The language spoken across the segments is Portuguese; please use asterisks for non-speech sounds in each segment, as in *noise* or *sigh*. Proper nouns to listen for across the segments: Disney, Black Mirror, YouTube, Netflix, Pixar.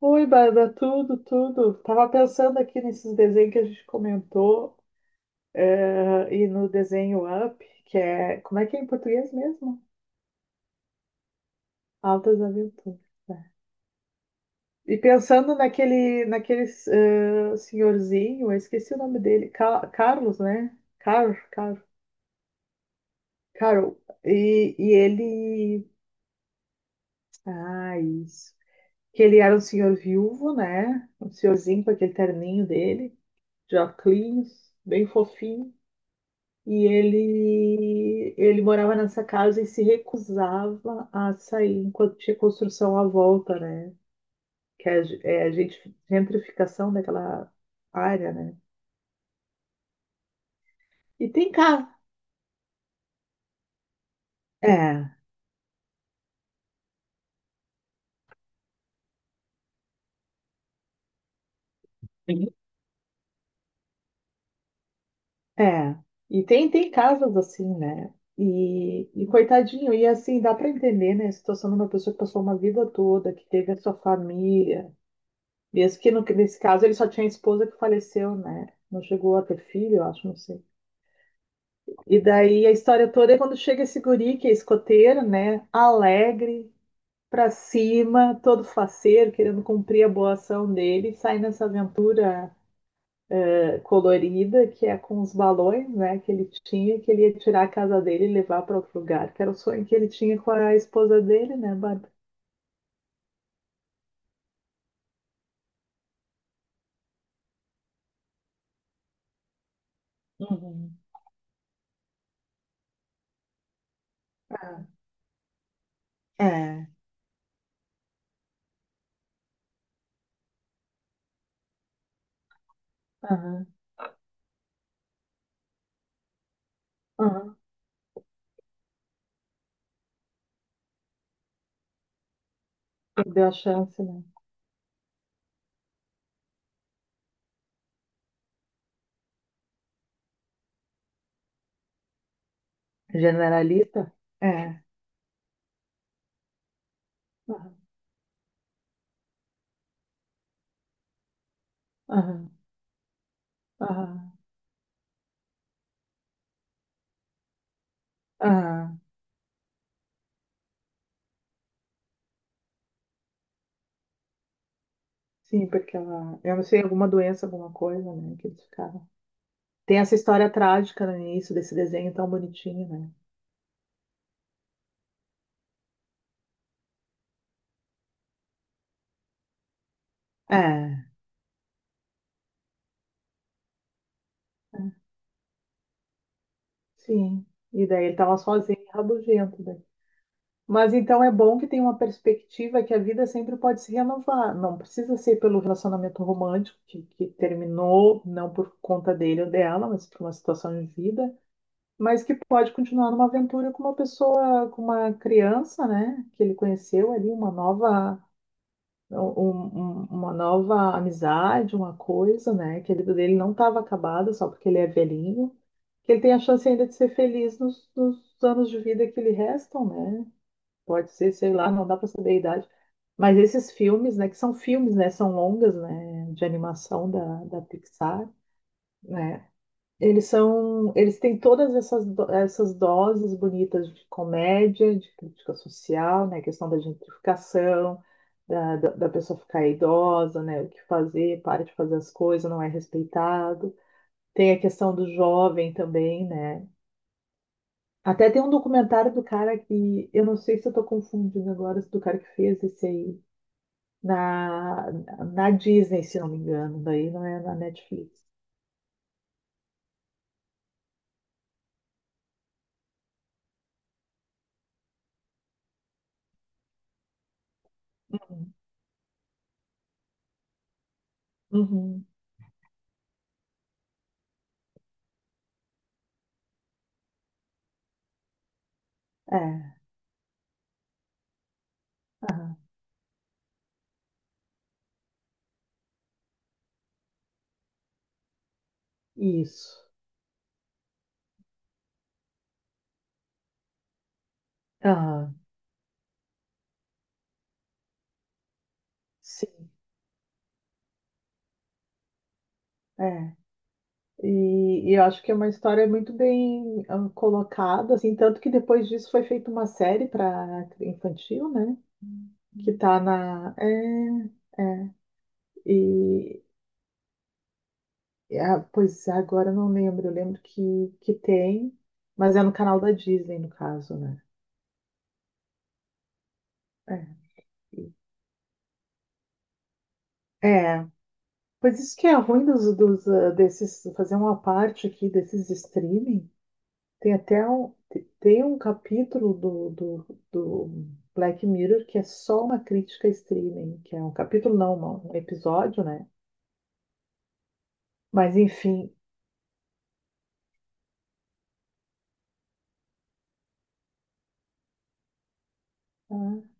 Oi, Bárbara, tudo. Tava pensando aqui nesses desenhos que a gente comentou, e no desenho Up, que é, como é que é em português mesmo? Altas Aventuras. Né? E pensando naquele senhorzinho, eu esqueci o nome dele, Carlos, né? Carol. E ele, ah, isso. Que ele era um senhor viúvo, né? Um senhorzinho com aquele terninho dele, de óculos, bem fofinho. E ele morava nessa casa e se recusava a sair enquanto tinha construção à volta, né? Que é, é a gente, gentrificação daquela área, né? E tem casa. É, é. E tem casas assim, né? E coitadinho, e assim, dá para entender, né? A situação de uma pessoa que passou uma vida toda, que teve a sua família. Mesmo que no, nesse caso ele só tinha a esposa que faleceu, né? Não chegou a ter filho, eu acho, não sei. E daí a história toda é quando chega esse guri, que é escoteiro, né? Alegre, pra cima, todo faceiro, querendo cumprir a boa ação dele, sai nessa aventura colorida, que é com os balões, né? Que ele tinha, que ele ia tirar a casa dele e levar para outro lugar, que era o sonho que ele tinha com a esposa dele, né, Bárbara? Uhum. Ah, é, aham, aham, perdeu a chance, né? Generalista? É, aham, aham, aham, aham. Sim, porque ela, eu não sei, alguma doença, alguma coisa, né, que eles ficaram. Tem essa história trágica no início desse desenho tão bonitinho, né? É. É, sim. E daí ele tava sozinho, rabugento, né? Mas então é bom que tem uma perspectiva que a vida sempre pode se renovar. Não precisa ser pelo relacionamento romântico que terminou, não por conta dele ou dela, mas por uma situação de vida, mas que pode continuar numa aventura com uma pessoa, com uma criança, né? Que ele conheceu ali, uma nova um- uma nova amizade, uma coisa, né? Que a vida dele não estava acabada só porque ele é velhinho, que ele tem a chance ainda de ser feliz nos anos de vida que lhe restam, né? Pode ser, sei lá, não dá para saber a idade. Mas esses filmes, né, que são filmes, né, são longas, né, de animação da Pixar, né, eles têm todas essas, essas doses bonitas de comédia, de crítica social, né? A questão da gentrificação, da pessoa ficar idosa, né? O que fazer, para de fazer as coisas, não é respeitado. Tem a questão do jovem também, né? Até tem um documentário do cara que, eu não sei se eu tô confundindo agora, do cara que fez esse aí, na, na Disney, se não me engano, daí não é na Netflix. Uhum. Uhum. É, aham. Isso. Aham, sim, é. E eu acho que é uma história muito bem ah, colocada, assim, tanto que depois disso foi feita uma série para infantil, né? Que tá na. É, é. E, ah, pois é, agora eu não lembro, eu lembro que tem, mas é no canal da Disney, no caso, né? É. E- é. Pois isso que é ruim ah, desses, fazer uma parte aqui desses streaming. Tem até tem um capítulo do Black Mirror que é só uma crítica a streaming, que é um capítulo, não, um episódio, né? Mas enfim. Ah,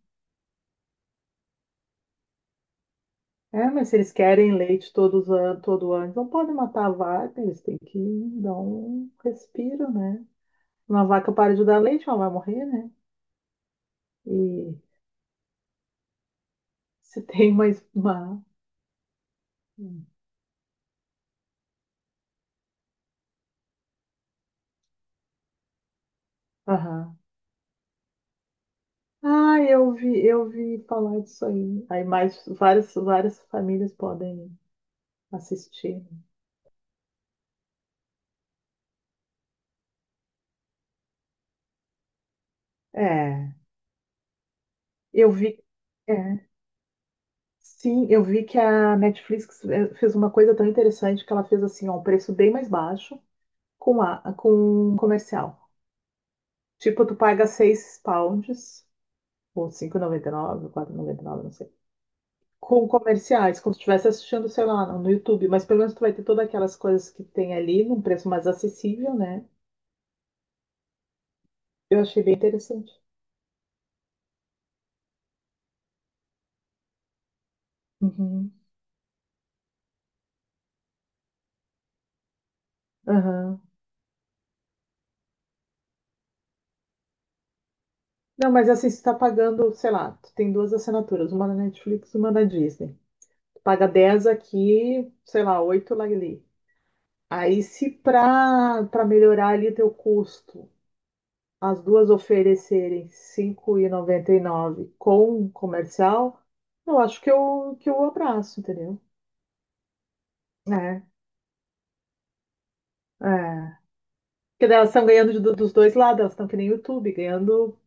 é, mas se eles querem leite todos an todo ano, não podem matar a vaca, eles têm que dar um respiro, né? Uma vaca para de dar leite, ela vai morrer, né? E se *laughs* tem mais uma. Aham. Ah, eu vi falar disso aí. Aí mais várias famílias podem assistir. É, eu vi. É, sim, eu vi que a Netflix fez uma coisa tão interessante que ela fez assim, ó, um preço bem mais baixo com a com um comercial. Tipo, tu paga 6 pounds ou 5,99, ou 4,99, não sei. Com comerciais, como se estivesse assistindo, sei lá, no YouTube, mas pelo menos tu vai ter todas aquelas coisas que tem ali num preço mais acessível, né? Eu achei bem interessante. Uhum. Aham. Não, mas assim, você tá pagando, sei lá, tu tem duas assinaturas, uma na Netflix e uma na Disney. Tu paga 10 aqui, sei lá, 8 lá ali. Aí, se pra melhorar ali teu custo, as duas oferecerem R$ 5,99 com comercial, eu acho que eu abraço, entendeu? É, é. Porque daí elas estão ganhando dos dois lados, elas estão que nem YouTube, ganhando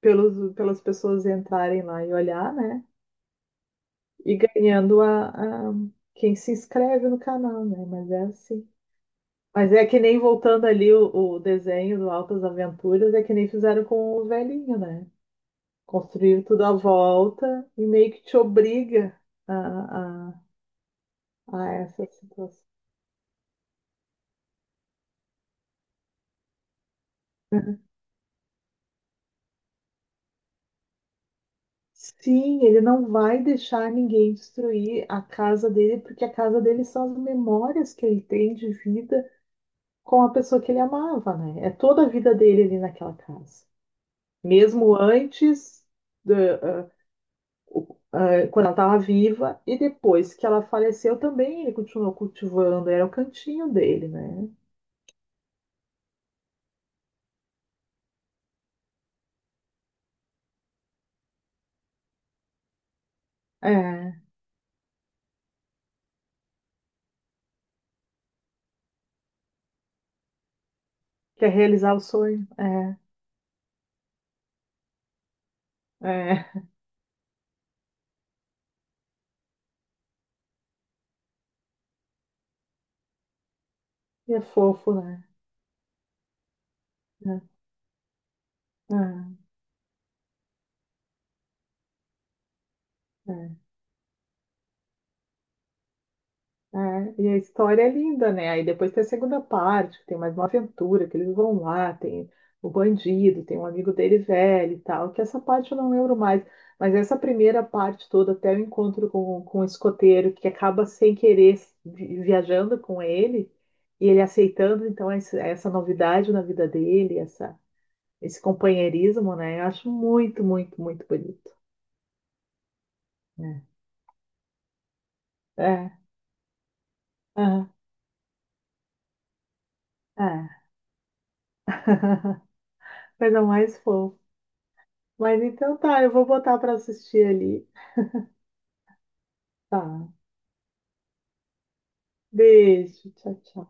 pelas pessoas entrarem lá e olhar, né? E ganhando quem se inscreve no canal, né? Mas é assim. Mas é que nem voltando ali o desenho do Altas Aventuras, é que nem fizeram com o velhinho, né? Construíram tudo à volta e meio que te obriga a, a, a essa situação. Sim, ele não vai deixar ninguém destruir a casa dele, porque a casa dele são as memórias que ele tem de vida com a pessoa que ele amava, né? É toda a vida dele ali naquela casa. Mesmo antes, da- ah, ah, quando ela estava viva, e depois que ela faleceu também, ele continuou cultivando, era o cantinho dele, né? É, quer realizar o sonho? É, é, e é fofo, né? É, é, é. É, e a história é linda, né? Aí depois tem a segunda parte, que tem mais uma aventura, que eles vão lá, tem o bandido, tem um amigo dele velho e tal, que essa parte eu não lembro mais. Mas essa primeira parte toda, até o encontro com o escoteiro, que acaba sem querer viajando com ele, e ele aceitando, então, essa novidade na vida dele, essa, esse companheirismo, né? Eu acho muito, muito, muito bonito. Né? É, aham, é. *laughs* Coisa mais fofa. Mas então tá, eu vou botar pra assistir ali. Tá. Beijo, tchau, tchau.